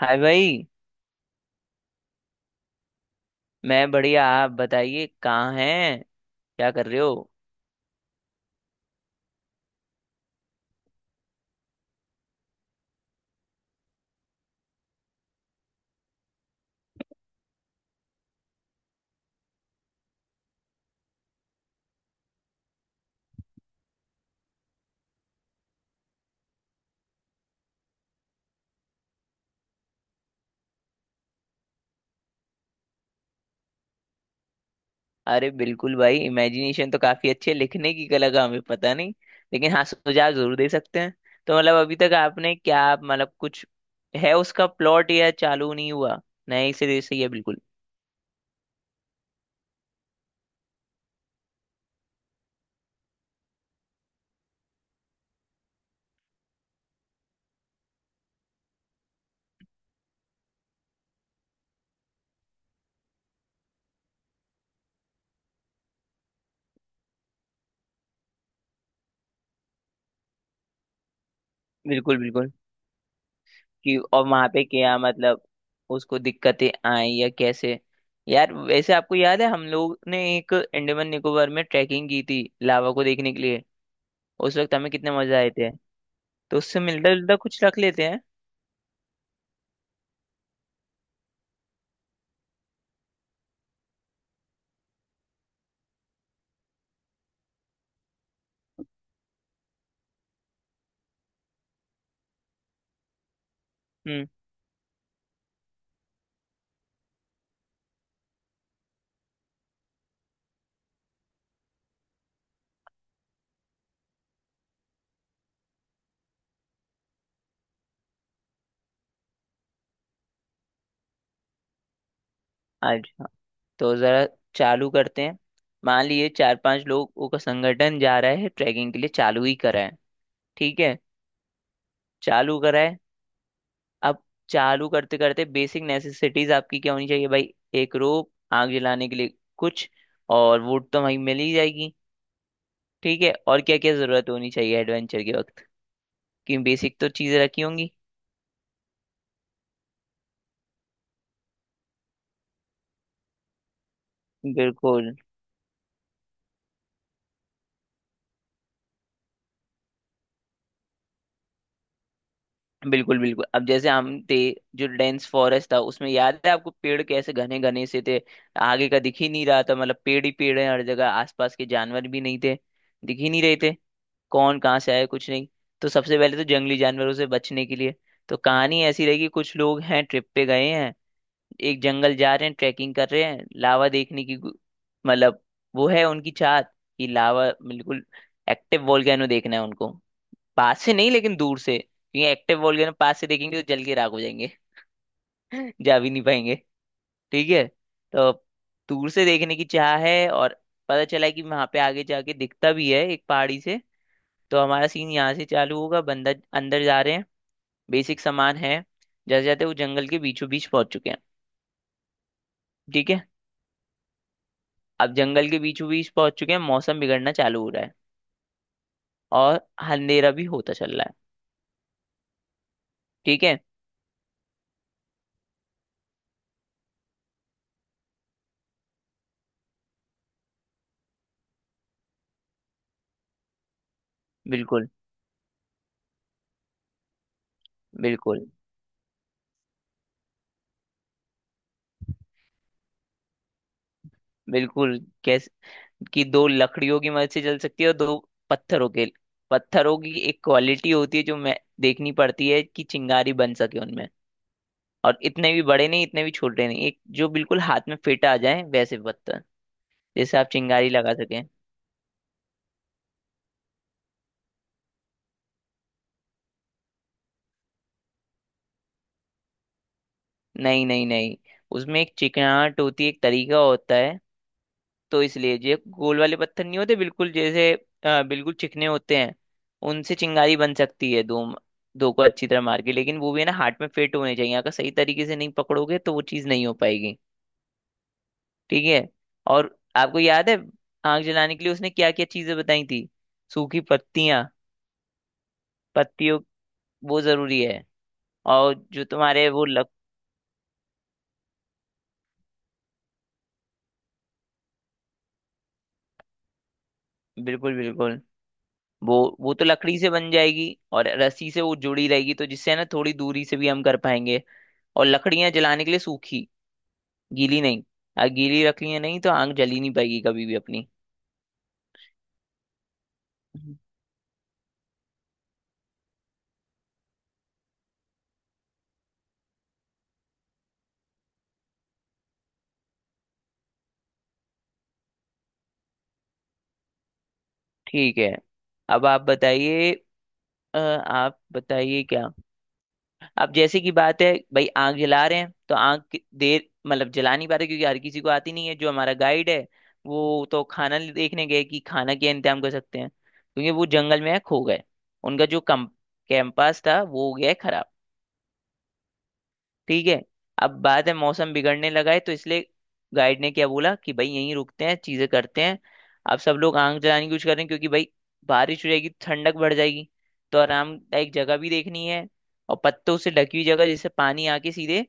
हाय भाई। मैं बढ़िया, आप बताइए, कहाँ हैं, क्या कर रहे हो। अरे बिल्कुल भाई, इमेजिनेशन तो काफी अच्छी है, लिखने की कला का हमें पता नहीं। लेकिन हाँ, सुझाव जरूर दे सकते हैं। तो मतलब अभी तक आपने क्या, मतलब कुछ है उसका प्लॉट या चालू नहीं हुआ? नहीं, सिरे से ही है बिल्कुल। बिल्कुल बिल्कुल। कि और वहां पे क्या, मतलब उसको दिक्कतें आई या कैसे? यार वैसे आपको याद है, हम लोग ने एक अंडमान निकोबार में ट्रैकिंग की थी लावा को देखने के लिए। उस वक्त हमें कितने मजा आए थे। तो उससे मिलता जुलता कुछ रख लेते हैं। हम्म। अच्छा, तो जरा चालू करते हैं। मान लिए चार पांच लोगों का संगठन जा रहा है ट्रैकिंग के लिए, चालू ही करा है। ठीक है, चालू करा है। अब चालू करते करते बेसिक नेसेसिटीज आपकी क्या होनी चाहिए भाई? एक रोप, आग जलाने के लिए कुछ, और वुड तो वहीं मिल ही जाएगी। ठीक है, और क्या क्या जरूरत होनी चाहिए एडवेंचर के वक्त? क्योंकि बेसिक तो चीजें रखी होंगी। बिल्कुल बिल्कुल। बिल्कुल अब जैसे हम थे, जो डेंस फॉरेस्ट था उसमें, याद है आपको पेड़ कैसे घने घने से थे? आगे का दिख ही नहीं रहा था, मतलब पेड़ ही पेड़ है हर जगह, आसपास के जानवर भी नहीं थे, दिख ही नहीं रहे थे, कौन कहाँ से आया कुछ नहीं। तो सबसे पहले तो जंगली जानवरों से बचने के लिए। तो कहानी ऐसी रही कि कुछ लोग हैं, ट्रिप पे गए हैं, एक जंगल जा रहे हैं, ट्रैकिंग कर रहे हैं, लावा देखने की गु-, मतलब वो है उनकी चाहत कि लावा बिल्कुल, एक्टिव वोल्केनो देखना है उनको। पास से नहीं लेकिन दूर से, क्योंकि एक्टिव वोल्केनो पास से देखेंगे तो जल के राख हो जाएंगे। जा भी नहीं पाएंगे। ठीक है, तो दूर से देखने की चाह है, और पता चला कि वहां पे आगे जाके दिखता भी है एक पहाड़ी से। तो हमारा सीन यहाँ से चालू होगा, बंदा अंदर जा रहे हैं, बेसिक सामान है। जैसे जाते, वो जंगल के बीचों बीच पहुंच चुके हैं। ठीक है। अब जंगल के बीचों बीच पहुंच चुके हैं, मौसम बिगड़ना चालू हो रहा है, और अंधेरा भी होता चल रहा है। ठीक है। बिल्कुल। बिल्कुल बिल्कुल, कैसे? कि दो लकड़ियों की मदद से चल सकती है, और दो पत्थरों के, पत्थरों की एक क्वालिटी होती है जो मैं देखनी पड़ती है कि चिंगारी बन सके उनमें। और इतने भी बड़े नहीं, इतने भी छोटे नहीं, एक जो बिल्कुल हाथ में फिट आ जाए वैसे पत्थर, जैसे आप चिंगारी लगा सकें। नहीं नहीं नहीं, उसमें एक चिकनाहट होती है, एक तरीका होता है। तो इसलिए ये गोल वाले पत्थर नहीं होते, बिल्कुल जैसे बिल्कुल चिकने होते हैं, उनसे चिंगारी बन सकती है। दो, दो को अच्छी तरह मार के, लेकिन वो भी है ना, हाथ में फिट होने चाहिए। अगर सही तरीके से नहीं पकड़ोगे तो वो चीज़ नहीं हो पाएगी। ठीक है। और आपको याद है, आग जलाने के लिए उसने क्या क्या चीज़ें बताई थी? सूखी पत्तियां, पत्तियों, वो जरूरी है। और जो तुम्हारे वो लक, बिल्कुल बिल्कुल। वो वो तो लकड़ी से बन जाएगी, और रस्सी से वो जुड़ी रहेगी तो जिससे है ना, थोड़ी दूरी से भी हम कर पाएंगे। और लकड़ियां जलाने के लिए सूखी, गीली नहीं, गीली रख लिया नहीं तो आग जली नहीं पाएगी कभी भी अपनी। हम्म। ठीक है। अब आप बताइए, आप बताइए क्या। अब जैसे की बात है भाई, आग जला रहे हैं तो आग कि-, देर, मतलब जला नहीं पाते क्योंकि हर किसी को आती नहीं है। जो हमारा गाइड है, वो तो खाना ले-, देखने गए कि खाना क्या इंतजाम कर सकते हैं क्योंकि वो जंगल में खो गए। उनका जो कम, कैंपस था वो हो गया है खराब। ठीक है, अब बात है मौसम बिगड़ने लगा है, तो इसलिए गाइड ने क्या बोला कि भाई यहीं रुकते हैं, चीजें करते हैं। अब सब लोग आग जलाने की कोशिश कर रहे हैं क्योंकि भाई बारिश हो जाएगी तो ठंडक बढ़ जाएगी। तो आरामदायक जगह भी देखनी है, और पत्तों से ढकी हुई जगह जिससे पानी आके सीधे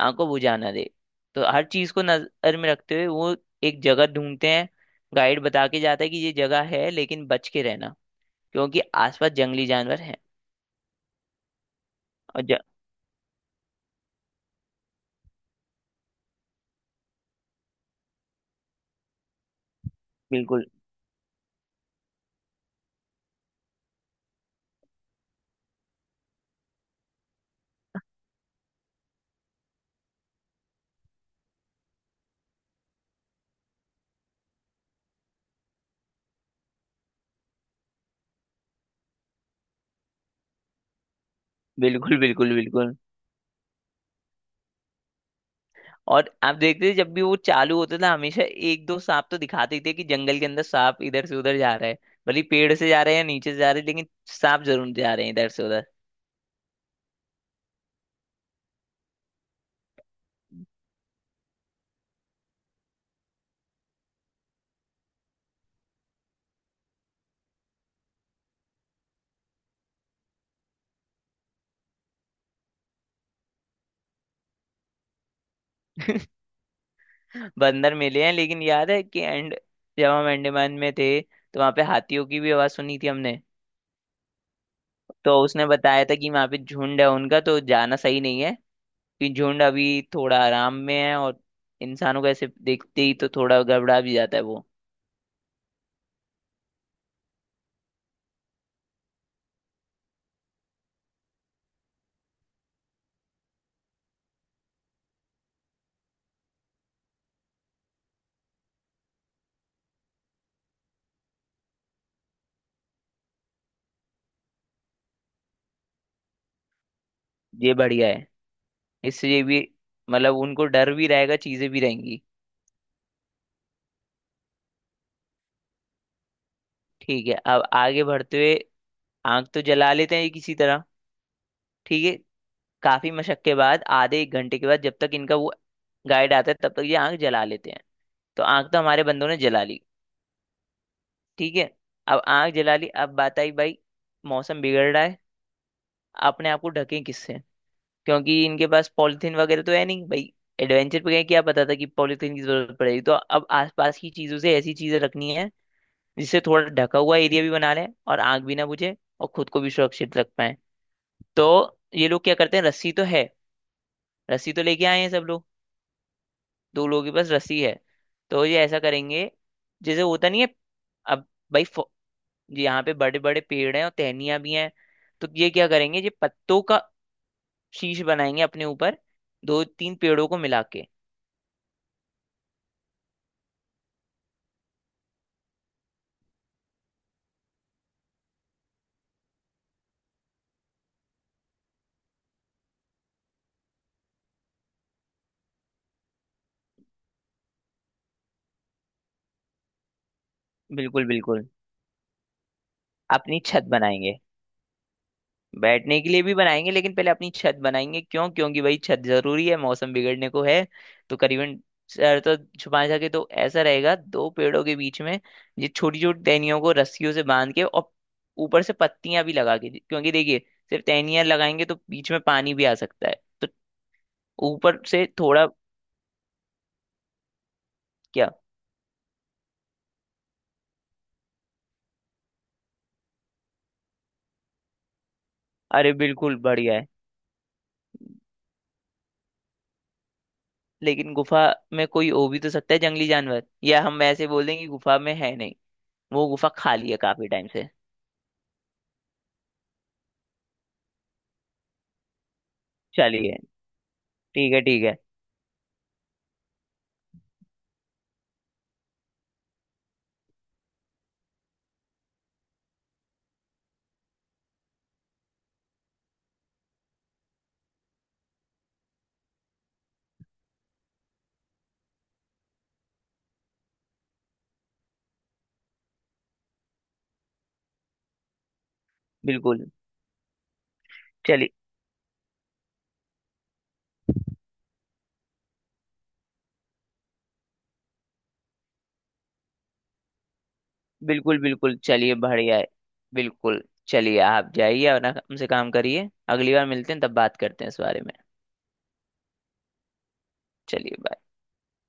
आग को बुझा ना दे। तो हर चीज को नजर में रखते हुए वो एक जगह ढूंढते हैं। गाइड बता के जाता है कि ये जगह है, लेकिन बच के रहना क्योंकि आसपास जंगली जानवर हैं। और ज... बिल्कुल बिल्कुल। बिल्कुल बिल्कुल। और आप देखते थे, जब भी वो चालू होता था, हमेशा एक दो सांप तो दिखाते ही थे कि जंगल के अंदर सांप इधर से उधर जा रहा है। भले ही पेड़ से जा रहे हैं या नीचे से जा रहे हैं, लेकिन सांप जरूर जा रहे हैं इधर से उधर। बंदर मिले हैं, लेकिन याद है कि एंड, जब हम अंडमान में थे तो वहां पे हाथियों की भी आवाज सुनी थी हमने। तो उसने बताया था कि वहां पे झुंड है उनका, तो जाना सही नहीं है। कि झुंड अभी थोड़ा आराम में है, और इंसानों को ऐसे देखते ही तो थोड़ा गड़बड़ा भी जाता है वो। ये बढ़िया है। इसलिए भी, मतलब उनको डर भी रहेगा, चीजें भी रहेंगी। ठीक है, अब आगे बढ़ते हुए आग तो जला लेते हैं किसी तरह। ठीक है, काफी मशक के बाद, आधे एक घंटे के बाद जब तक इनका वो गाइड आता है, तब तक ये आग जला लेते हैं। तो आग तो हमारे बंदों ने जला ली। ठीक है, अब आग जला ली। अब बात आई भाई, मौसम बिगड़ रहा है, अपने आप को ढकें किससे? क्योंकि इनके पास पॉलिथीन वगैरह तो है नहीं भाई, एडवेंचर पे गए, क्या पता था कि पॉलिथीन की जरूरत पड़ेगी। तो अब आसपास की चीजों से ऐसी चीजें रखनी है जिससे थोड़ा ढका हुआ एरिया भी बना लें, और आग भी ना बुझे, और खुद को भी सुरक्षित रख पाए। तो ये लोग क्या करते हैं, रस्सी तो है, रस्सी तो लेके आए हैं सब लोग। दो लोगों के पास रस्सी है। तो ये ऐसा करेंगे, जैसे होता नहीं है। अब भाई फ-, यहाँ पे बड़े बड़े पेड़ हैं और टहनियाँ भी हैं। तो ये क्या करेंगे, ये पत्तों का शीश बनाएंगे अपने ऊपर, दो तीन पेड़ों को मिला के। बिल्कुल बिल्कुल, अपनी छत बनाएंगे। बैठने के लिए भी बनाएंगे, लेकिन पहले अपनी छत बनाएंगे। क्यों? क्योंकि भाई छत जरूरी है, मौसम बिगड़ने को है। तो करीबन सर तो छुपा सके, तो ऐसा रहेगा दो पेड़ों के बीच में ये छोटी छोटी टहनियों को रस्सियों से बांध के, और ऊपर से पत्तियां भी लगा के, क्योंकि देखिए सिर्फ टहनियां लगाएंगे तो बीच में पानी भी आ सकता है। तो ऊपर से थोड़ा, क्या? अरे बिल्कुल, बढ़िया है। लेकिन गुफा में कोई हो भी तो सकता है जंगली जानवर, या हम ऐसे बोल दें कि गुफा में है नहीं, वो गुफा खाली है काफी टाइम से। चलिए, ठीक है ठीक है। बिल्कुल। चलिए। बिल्कुल बिल्कुल, चलिए, बढ़िया है। बिल्कुल। चलिए, आप जाइए, अपना हमसे काम करिए, अगली बार मिलते हैं तब बात करते हैं इस बारे में। चलिए, बाय।